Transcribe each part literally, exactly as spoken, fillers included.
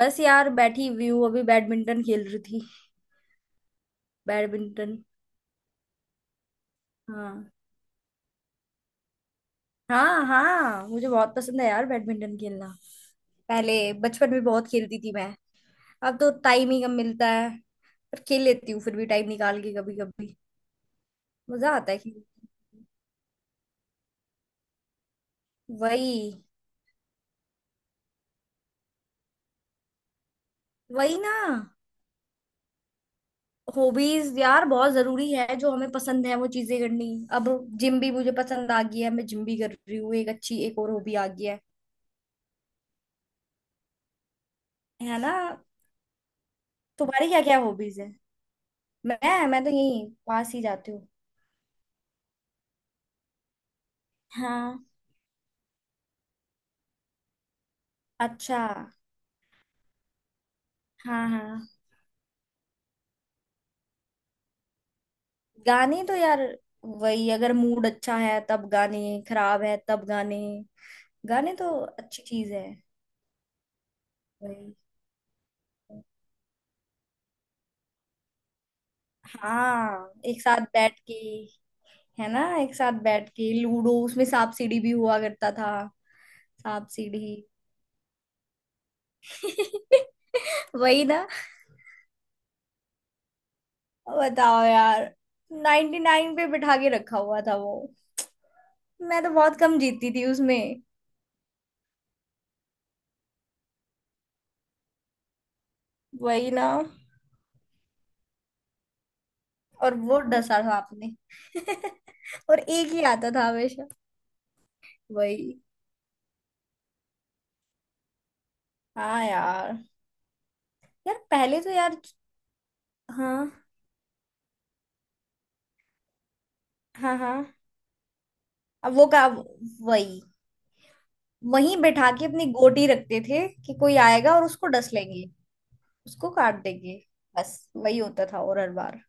बस यार बैठी हुई हूँ। अभी बैडमिंटन खेल रही थी। बैडमिंटन। हाँ हाँ, हाँ मुझे बहुत पसंद है यार बैडमिंटन खेलना। पहले बचपन में बहुत खेलती थी मैं। अब तो टाइम ही कम मिलता है। पर खेल लेती हूँ फिर भी टाइम निकाल के कभी कभी। मजा आता है खेल। वही। वही ना। हॉबीज यार बहुत जरूरी है, जो हमें पसंद है वो चीजें करनी। अब जिम भी मुझे पसंद आ गई है, मैं जिम भी कर रही हूँ। एक अच्छी एक और हॉबी आ गई है। है ना। तुम्हारी क्या क्या हॉबीज है। मैं मैं तो यही पास ही जाती हूँ। हाँ। अच्छा। हाँ, हाँ। गाने तो यार, वही, अगर मूड अच्छा है तब गाने, खराब है तब गाने। गाने तो अच्छी चीज है। वही। हाँ, एक साथ बैठ के। है ना, एक साथ बैठ के लूडो, उसमें सांप सीढ़ी भी हुआ करता था। सांप सीढ़ी। वही ना। बताओ यार, नाइंटी नाइन नाइन पे बिठा के रखा हुआ था वो। मैं तो बहुत कम जीती थी उसमें। वही ना। और वो डसा था आपने। और एक ही आता था हमेशा। वही। हाँ यार। यार पहले तो यार। हाँ हाँ, हाँ। अब वो का वही वहीं बैठा के अपनी गोटी रखते थे कि कोई आएगा और उसको डस लेंगे। उसको काट देंगे। बस वही होता था, और हर बार।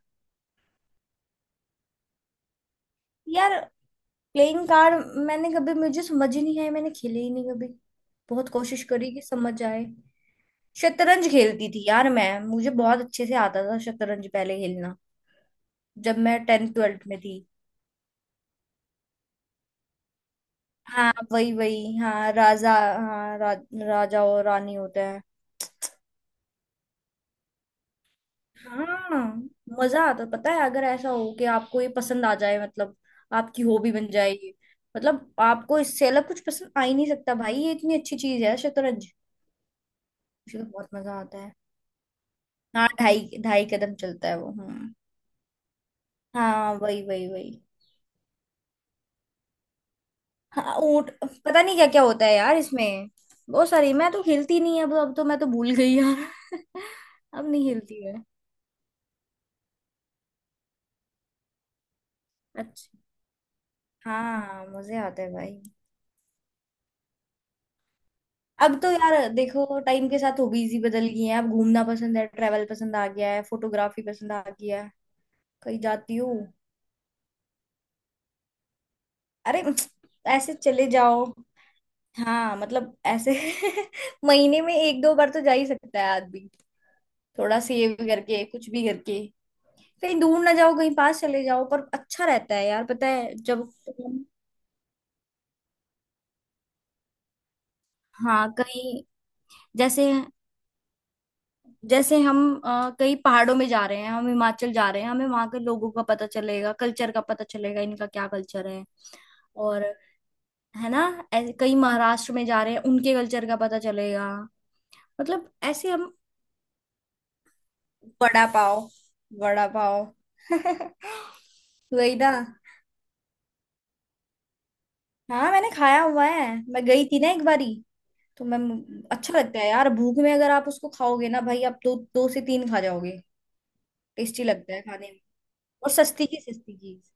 यार, प्लेइंग कार्ड मैंने कभी, मुझे समझ ही नहीं आया, मैंने खेले ही नहीं कभी। बहुत कोशिश करी कि समझ आए। शतरंज खेलती थी यार मैं, मुझे बहुत अच्छे से आता था शतरंज पहले खेलना। जब मैं टेंथ ट्वेल्थ में थी। हाँ वही वही, हाँ राजा। हाँ रा, राजा और रानी होते हैं। हाँ। मजा आता है, पता है अगर ऐसा हो कि आपको ये पसंद आ जाए, मतलब आपकी हॉबी बन जाए ये, मतलब आपको इससे अलग कुछ पसंद आ ही नहीं सकता भाई। ये इतनी अच्छी चीज है शतरंज। मुझे तो बहुत मजा आता है। हाँ, ढाई ढाई कदम चलता है वो। हम्म। हाँ वही वही वही। हाँ, ऊंट। पता नहीं क्या क्या होता है यार इसमें, बहुत सारी। मैं तो हिलती नहीं है। अब अब तो मैं तो भूल गई यार। अब नहीं हिलती है। अच्छा। हाँ हाँ, मजे आते हैं भाई। अब तो यार देखो, टाइम के साथ हॉबीज ही बदल गई हैं। अब घूमना पसंद है, ट्रैवल पसंद आ गया है, फोटोग्राफी पसंद आ गया है। कहीं जाती हूँ। अरे ऐसे चले जाओ। हाँ मतलब ऐसे, महीने में एक दो बार तो जा ही सकता है आदमी। थोड़ा सेव करके, कुछ भी करके। कहीं दूर ना जाओ, कहीं पास चले जाओ, पर अच्छा रहता है यार। पता है जब हम- हाँ कहीं, जैसे जैसे हम अ, कहीं पहाड़ों में जा रहे हैं, हम हिमाचल जा रहे हैं, हमें वहां के लोगों का पता चलेगा, कल्चर का पता चलेगा, इनका क्या कल्चर है। और है ना, ऐसे कहीं महाराष्ट्र में जा रहे हैं, उनके कल्चर का पता चलेगा। मतलब ऐसे हम। वड़ा पाव। वड़ा पाव। वही ना। हाँ मैंने खाया हुआ है। मैं गई थी ना एक बारी, तो मैम, अच्छा लगता है यार। भूख में अगर आप उसको खाओगे ना भाई, आप दो दो से तीन खा जाओगे। टेस्टी लगता है खाने में। और सस्ती की सस्ती चीज।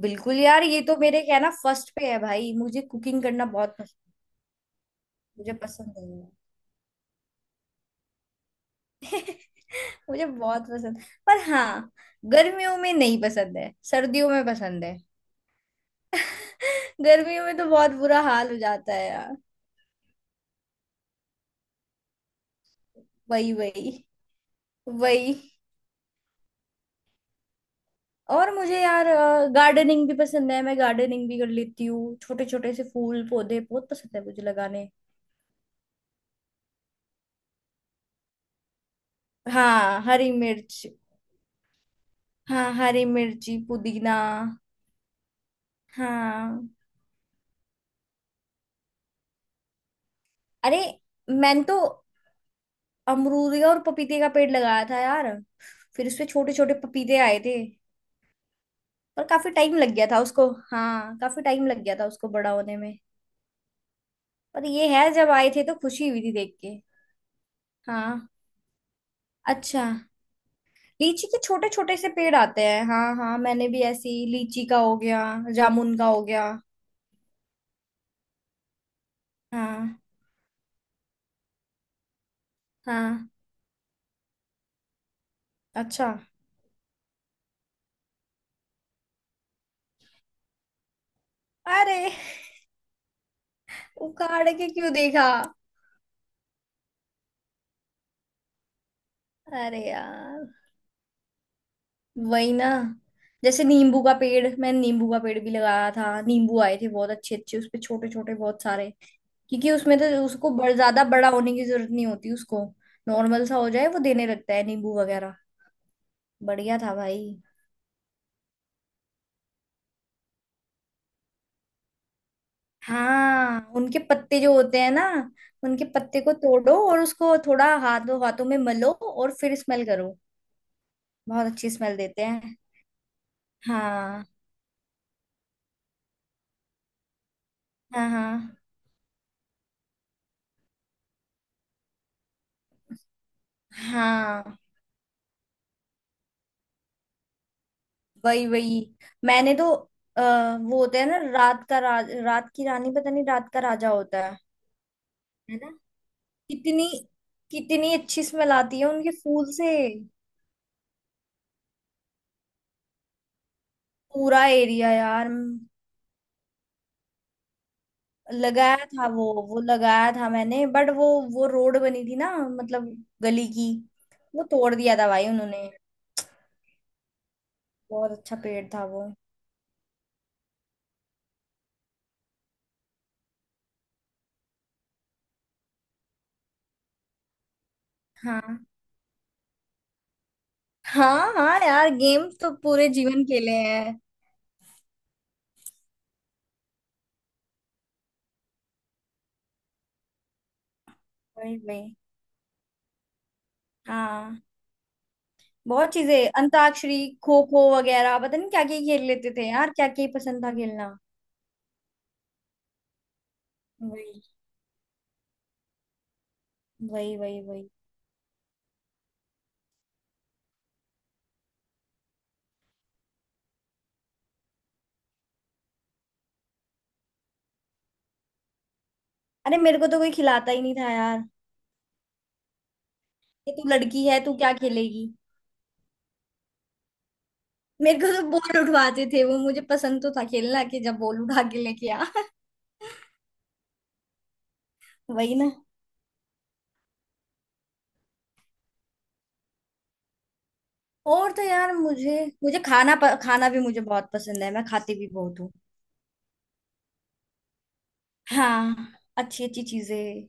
बिल्कुल यार, ये तो मेरे क्या है ना, फर्स्ट पे है भाई, मुझे कुकिंग करना बहुत पसंद। मुझे पसंद है, मुझे बहुत पसंद। पर हाँ, गर्मियों में नहीं पसंद है, सर्दियों में पसंद है। गर्मियों में तो बहुत बुरा हाल हो जाता है यार। वही वही वही। और मुझे यार गार्डनिंग भी पसंद है, मैं गार्डनिंग भी कर लेती हूँ। छोटे छोटे से फूल पौधे बहुत पसंद है मुझे लगाने। हाँ हरी मिर्च। हाँ हरी मिर्ची, पुदीना। हाँ। अरे, मैंने तो अमरूद का और पपीते का पेड़ लगाया था यार। फिर उसपे छोटे छोटे पपीते आए थे। पर काफी टाइम लग गया था उसको, हाँ काफी टाइम लग गया था उसको बड़ा होने में। पर ये है, जब आए थे तो खुशी हुई थी देख के। हाँ। अच्छा। लीची के छोटे छोटे से पेड़ आते हैं, हाँ हाँ मैंने भी ऐसी, लीची का हो गया, जामुन का हो गया। हाँ। हाँ। अच्छा। अरे, उखाड़ के क्यों देखा। अरे यार। वही ना। जैसे नींबू का पेड़, मैंने नींबू का पेड़ भी लगाया था, नींबू आए थे बहुत अच्छे अच्छे उसपे, छोटे छोटे बहुत सारे। क्योंकि उसमें तो उसको बड़, ज्यादा बड़ा होने की जरूरत नहीं होती उसको। नॉर्मल सा हो जाए वो देने लगता है नींबू वगैरह। बढ़िया था भाई। हाँ, उनके पत्ते जो होते हैं ना, उनके पत्ते को तोड़ो और उसको थोड़ा हाथों, हाथों में मलो और फिर स्मेल करो। बहुत अच्छी स्मेल देते हैं। हाँ। हाँ। हाँ। हाँ वही वही। मैंने तो आ, वो होता है ना, रात का राज, रात की रानी, पता नहीं रात का राजा होता है। है ना। कितनी, कितनी अच्छी स्मेल आती है उनके फूल से। पूरा एरिया यार। लगाया था वो वो लगाया था मैंने, बट वो वो रोड बनी थी ना, मतलब गली की, वो तोड़ दिया था भाई उन्होंने। बहुत अच्छा पेड़ था वो। हाँ। हाँ। हाँ यार, गेम तो पूरे जीवन खेले हैं। वही वही। हाँ, बहुत चीजें, अंताक्षरी, खो खो वगैरह, पता नहीं क्या क्या खेल लेते थे यार, क्या क्या ही पसंद था खेलना। वही वही वही। वही। अरे मेरे को तो कोई खिलाता ही नहीं था यार, कि तू लड़की है तू क्या खेलेगी। मेरे को तो बॉल उठवाते थे वो, मुझे पसंद तो था खेलना, कि जब बॉल उठा के लेके आ। वही ना। और तो यार मुझे, मुझे खाना प, खाना भी मुझे बहुत पसंद है, मैं खाती भी बहुत हूँ। हाँ, अच्छी अच्छी चीजें,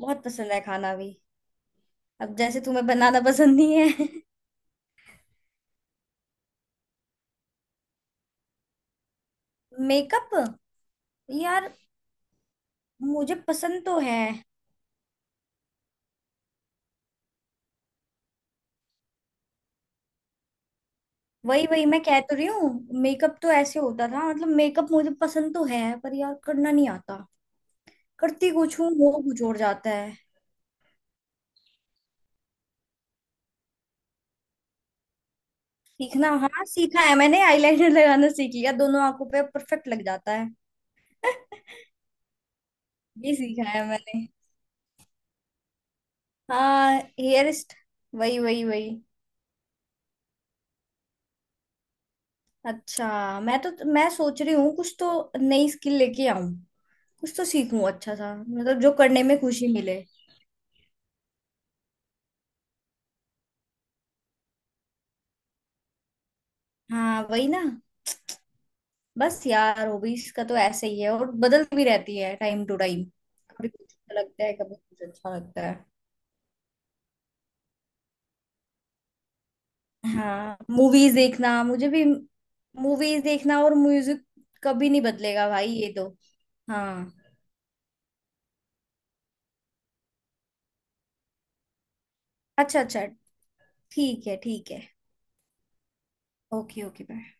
बहुत पसंद है खाना भी। अब जैसे तुम्हें बनाना पसंद नहीं है। मेकअप, यार मुझे पसंद तो है। वही वही, मैं कह तो रही हूँ। मेकअप तो ऐसे होता था, मतलब मेकअप मुझे पसंद तो है पर यार करना नहीं आता। करती कुछ हूँ, वो कुछ और जाता है। सीखना, हाँ सीखा है मैंने। आईलाइनर लगाना सीख लिया, दोनों आंखों पे परफेक्ट लग जाता है। ये सीखा है मैंने। हाँ, हेयरिस्ट, वही वही वही। अच्छा। मैं तो, मैं सोच रही हूँ कुछ तो नई स्किल लेके आऊं, कुछ तो सीखूं अच्छा सा, मतलब जो करने में खुशी मिले। हाँ वही ना। बस यार हॉबीज का तो ऐसे ही है, और बदलती भी रहती है टाइम टू टाइम। कभी कुछ अच्छा लगता है, कभी कुछ अच्छा लगता है। हाँ, मूवीज देखना मुझे भी। मूवीज देखना और म्यूजिक कभी नहीं बदलेगा भाई, ये तो। हाँ। अच्छा अच्छा। ठीक है ठीक है। Okay okay. बाय।